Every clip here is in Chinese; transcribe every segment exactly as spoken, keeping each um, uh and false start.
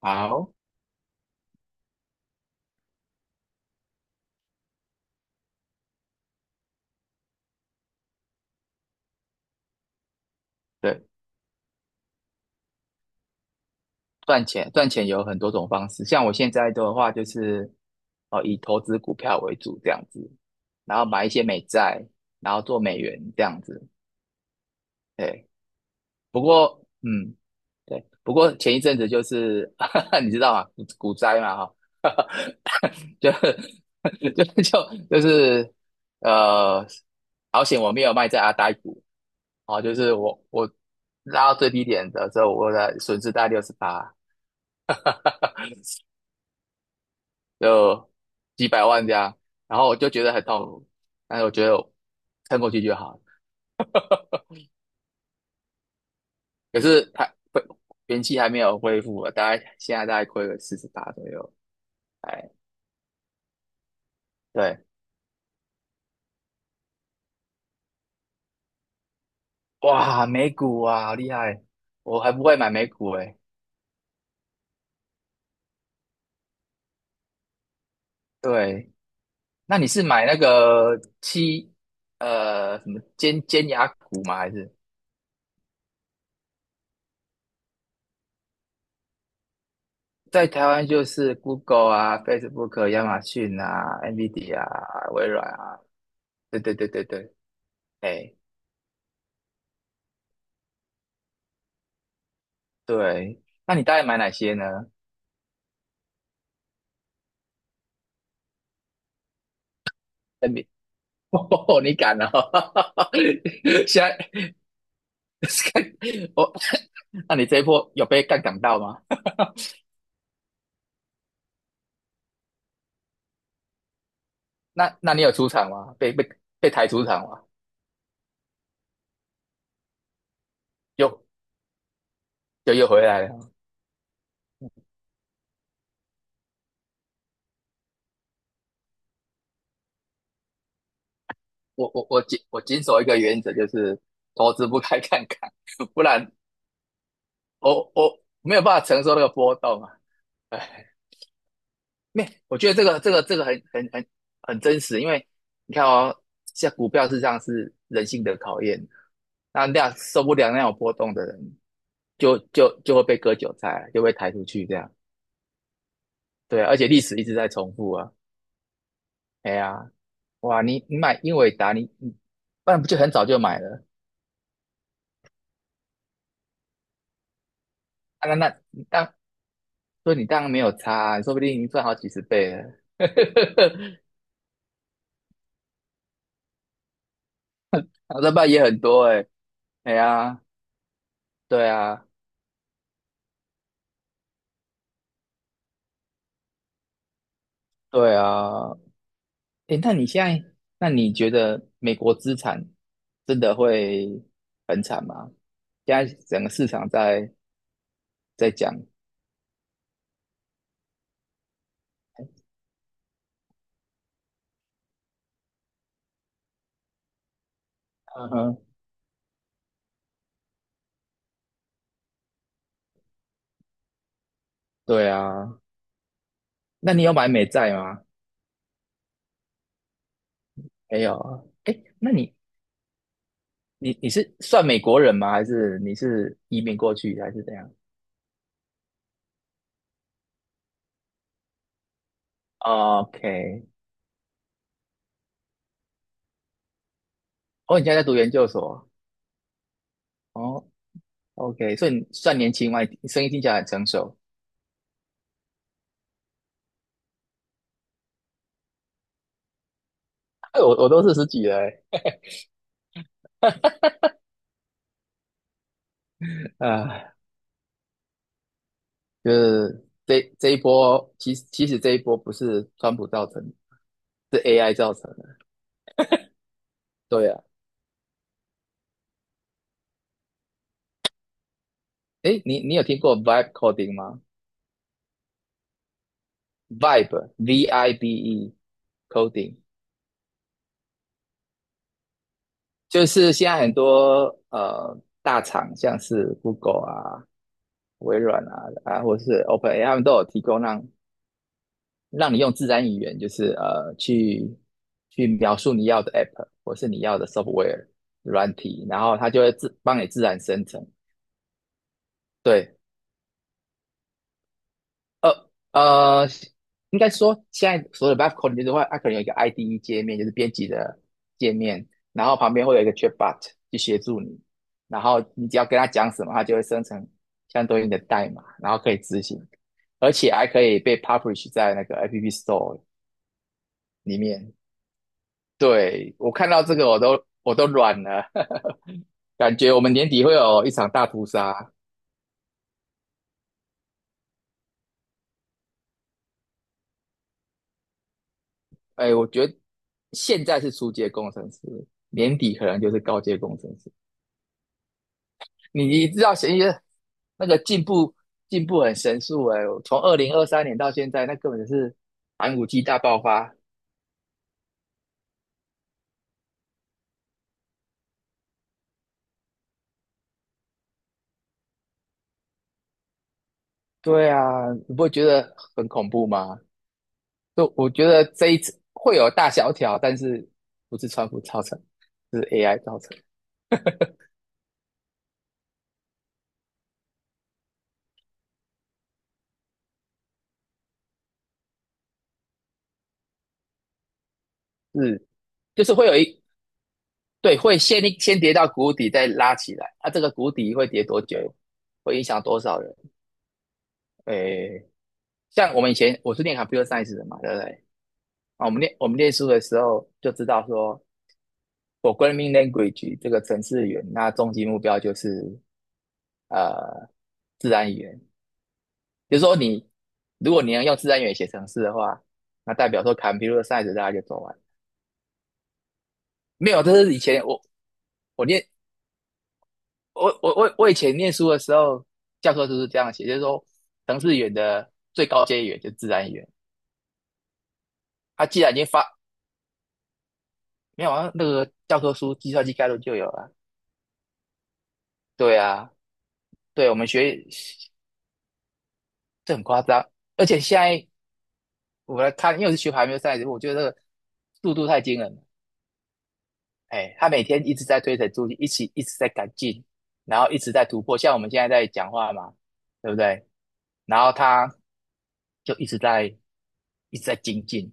好。对，赚钱赚钱有很多种方式，像我现在的话就是，哦，以投资股票为主这样子，然后买一些美债，然后做美元这样子。对。不过，嗯，对，不过前一阵子就是，你知道吗？股股灾嘛，哈，就 就就就是呃，好险我没有卖在阿呆股。哦，就是我我拉到最低点的时候，我的损失大概六十八。就几百万这样，然后我就觉得很痛苦，但是我觉得我撑过去就好了。可是它恢元气还没有恢复啊，大概现在大概亏了四十八左右。哎，对，哇，美股啊，好厉害！我还不会买美股哎。对，那你是买那个七呃什么尖尖牙股吗？还是在台湾就是 Google 啊、Facebook、亚马逊啊、n v I d I A 啊、微软啊？对对对对对，哎、对，那你大概买哪些呢？那你 哦，你敢了、哦，现在 哦，那你这一波有被杠杆到吗？那那你有出场吗？被被被抬出场吗？又又又回来了。我我我谨我谨守一个原则，就是投资不开杠杆，不然我我没有办法承受那个波动啊。没，我觉得这个这个这个很很很很真实，因为你看哦，像股票市场是人性的考验，那那样受不了那种波动的人，就就就会被割韭菜啊，就被抬出去这样。对啊，而且历史一直在重复啊。哎呀，哇，你你买英伟达，你你不然不就很早就买了？啊、那那你当所以你当然没有差啊、你说不定赚好几十倍了。然后这半也很多哎、欸哎呀，对啊。对啊。诶，那你现在，那你觉得美国资产真的会很惨吗？现在整个市场在在讲，嗯哼，对啊，那你有买美债吗？没有啊。诶，那你你你是算美国人吗？还是你是移民过去还是怎样？OK，哦，你现在在读研究所，哦，OK，所以你算年轻嘛，你声音听起来很成熟。哎，我我都四十几了欸，啊、就是这这一波，其实其实这一波不是川普造成的，是 A I 造成的。对啊，诶，你你有听过 vibe coding 吗？vibe V I B E coding 就是现在很多呃大厂，像是 Google 啊、微软啊啊，或是 OpenAI，他们都有提供让让你用自然语言，就是呃去去描述你要的 app 或是你要的 software 软体，然后它就会自帮你自然生成。对，呃呃，应该说现在所有的 Vive Coding 就是会，它可能有一个 I D E 界面，就是编辑的界面，然后旁边会有一个 Chatbot 去协助你，然后你只要跟他讲什么，它就会生成相对应的代码，然后可以执行，而且还可以被 publish 在那个 App Store 里面。对，我看到这个我都我都软了，感觉我们年底会有一场大屠杀。哎，我觉得现在是初阶工程师，年底可能就是高阶工程师。你知道谁，那个进步进步很神速哎、我从二零二三年到现在，那根本就是寒武纪大爆发。对啊，你不会觉得很恐怖吗？就我觉得这一次会有大萧条，但是不是川普造成，是 A I 造成，是就是会有一对会先先跌到谷底，再拉起来。啊，这个谷底会跌多久？会影响多少人？诶，像我们以前我是念 computer science 的嘛，对不对？啊，我们念我们念书的时候就知道说，programming language 这个程式语言，那终极目标就是呃自然语言，就是说你如果你能用自然语言写程式的话，那代表说 computer science 大家就走完。没有，这是以前我我念我我我我以前念书的时候，教科书是这样写，就是说程式语言的最高阶语言就是自然语言。它啊既然已经发，没有啊，那个教科书《计算机概论》就有了。对啊，对，我们学这很夸张，而且现在我来看，因为我是学排球赛的，我觉得这个速度太惊人了。哎，他每天一直在推陈出新，一起一直在改进，然后一直在突破。像我们现在在讲话嘛，对不对？然后他就一直在一直在精进，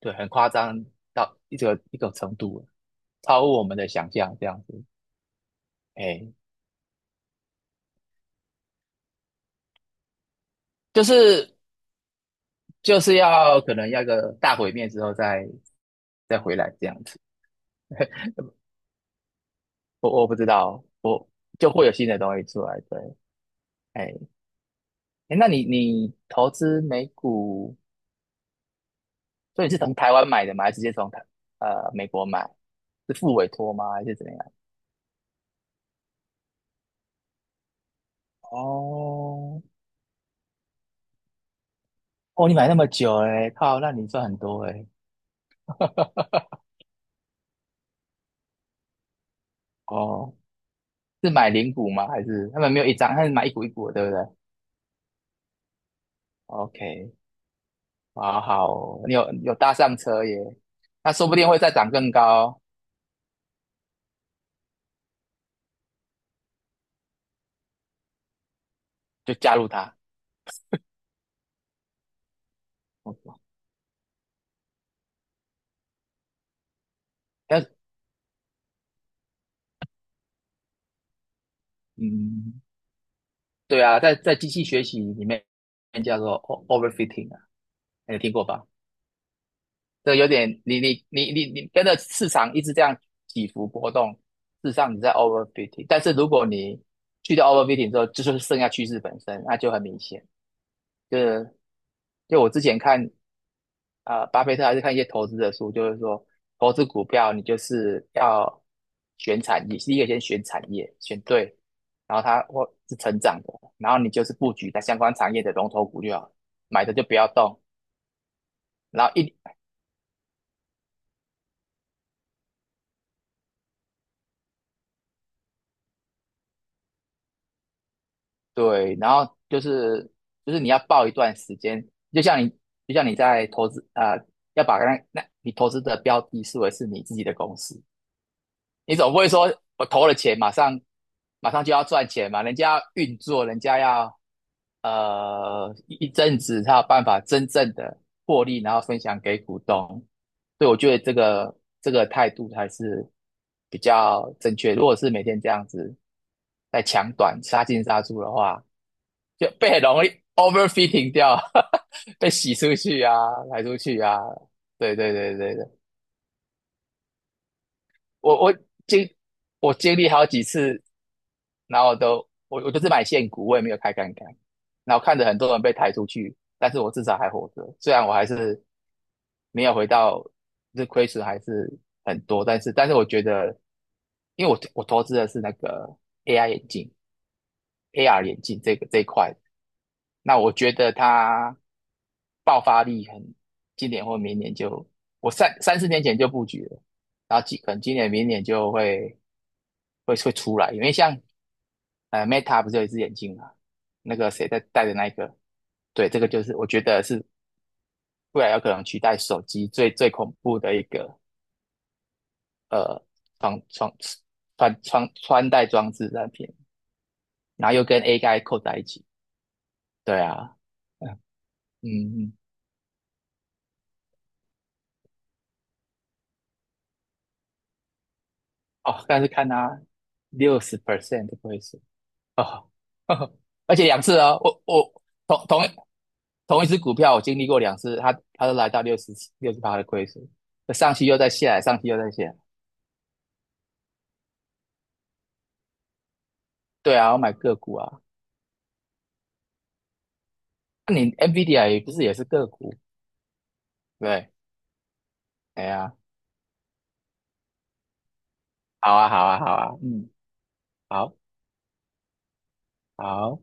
对，很夸张到一个一种程度了，超乎我们的想象这样子。哎，就是就是要可能要一个大毁灭之后再再回来这样子。我我不知道，我就会有新的东西出来。对，哎。哎，那你你投资美股，所以你是从台湾买的吗？还是直接从台呃美国买？是付委托吗？还是怎么样？哦哦，你买那么久哎，靠，那你赚很多哎。哦，是买零股吗？还是他们没有一张，他是买一股一股的，对不对？OK，好好哦你有有搭上车耶，那说不定会再涨更高，就加入它。OK 但嗯，对啊，在在机器学习里面叫做 o- overfitting 啊，你有听过吧？这有点你你你你你跟着市场一直这样起伏波动，事实上你在 overfitting。但是如果你去掉 overfitting 之后，就是剩下趋势本身，那就很明显。就是就我之前看啊、呃巴菲特还是看一些投资的书，就是说投资股票你就是要选产业，第一个先选产业，选对，然后它或是成长的，然后你就是布局在相关产业的龙头股就好了，买的就不要动，然后一对，然后就是就是你要报一段时间，就像你就像你在投资啊、呃要把那那你投资的标的视为是你自己的公司，你总不会说我投了钱马上马上就要赚钱嘛？人家要运作，人家要呃一一阵子才有办法真正的获利，然后分享给股东。对我觉得这个这个态度还是比较正确。如果是每天这样子在抢短杀进杀出的话，就被很容易 overfitting 掉，被洗出去啊，排出去啊。对对对对对，我我经我经历好几次，然后都我我就是买现股，我也没有开杠杆，然后看着很多人被抬出去，但是我至少还活着，虽然我还是没有回到，这亏损还是很多，但是但是我觉得，因为我我投资的是那个 A I 眼镜、A R 眼镜这个这一块，那我觉得它爆发力很，今年或明年就，我三三四年前就布局了，然后今可能今年明年就会会会出来，因为像呃 Meta 不是有一只眼镜嘛，那个谁在戴的那一个，对，这个就是我觉得是未来有可能取代手机最最恐怖的一个呃穿穿穿穿穿戴装置产品，然后又跟 A I 扣在一起，对啊，嗯嗯。嗯哦，但是看他六十 percent 的亏损哦，而且两次哦，我我同同同一只股票，我经历过两次，它它都来到六十六十趴的亏损，上去又再下来，上去又再下来。对啊，我买个股啊，那你 N V I D I A 也不是也是个股？对，哎呀，好啊，好啊，好啊，嗯，好，好。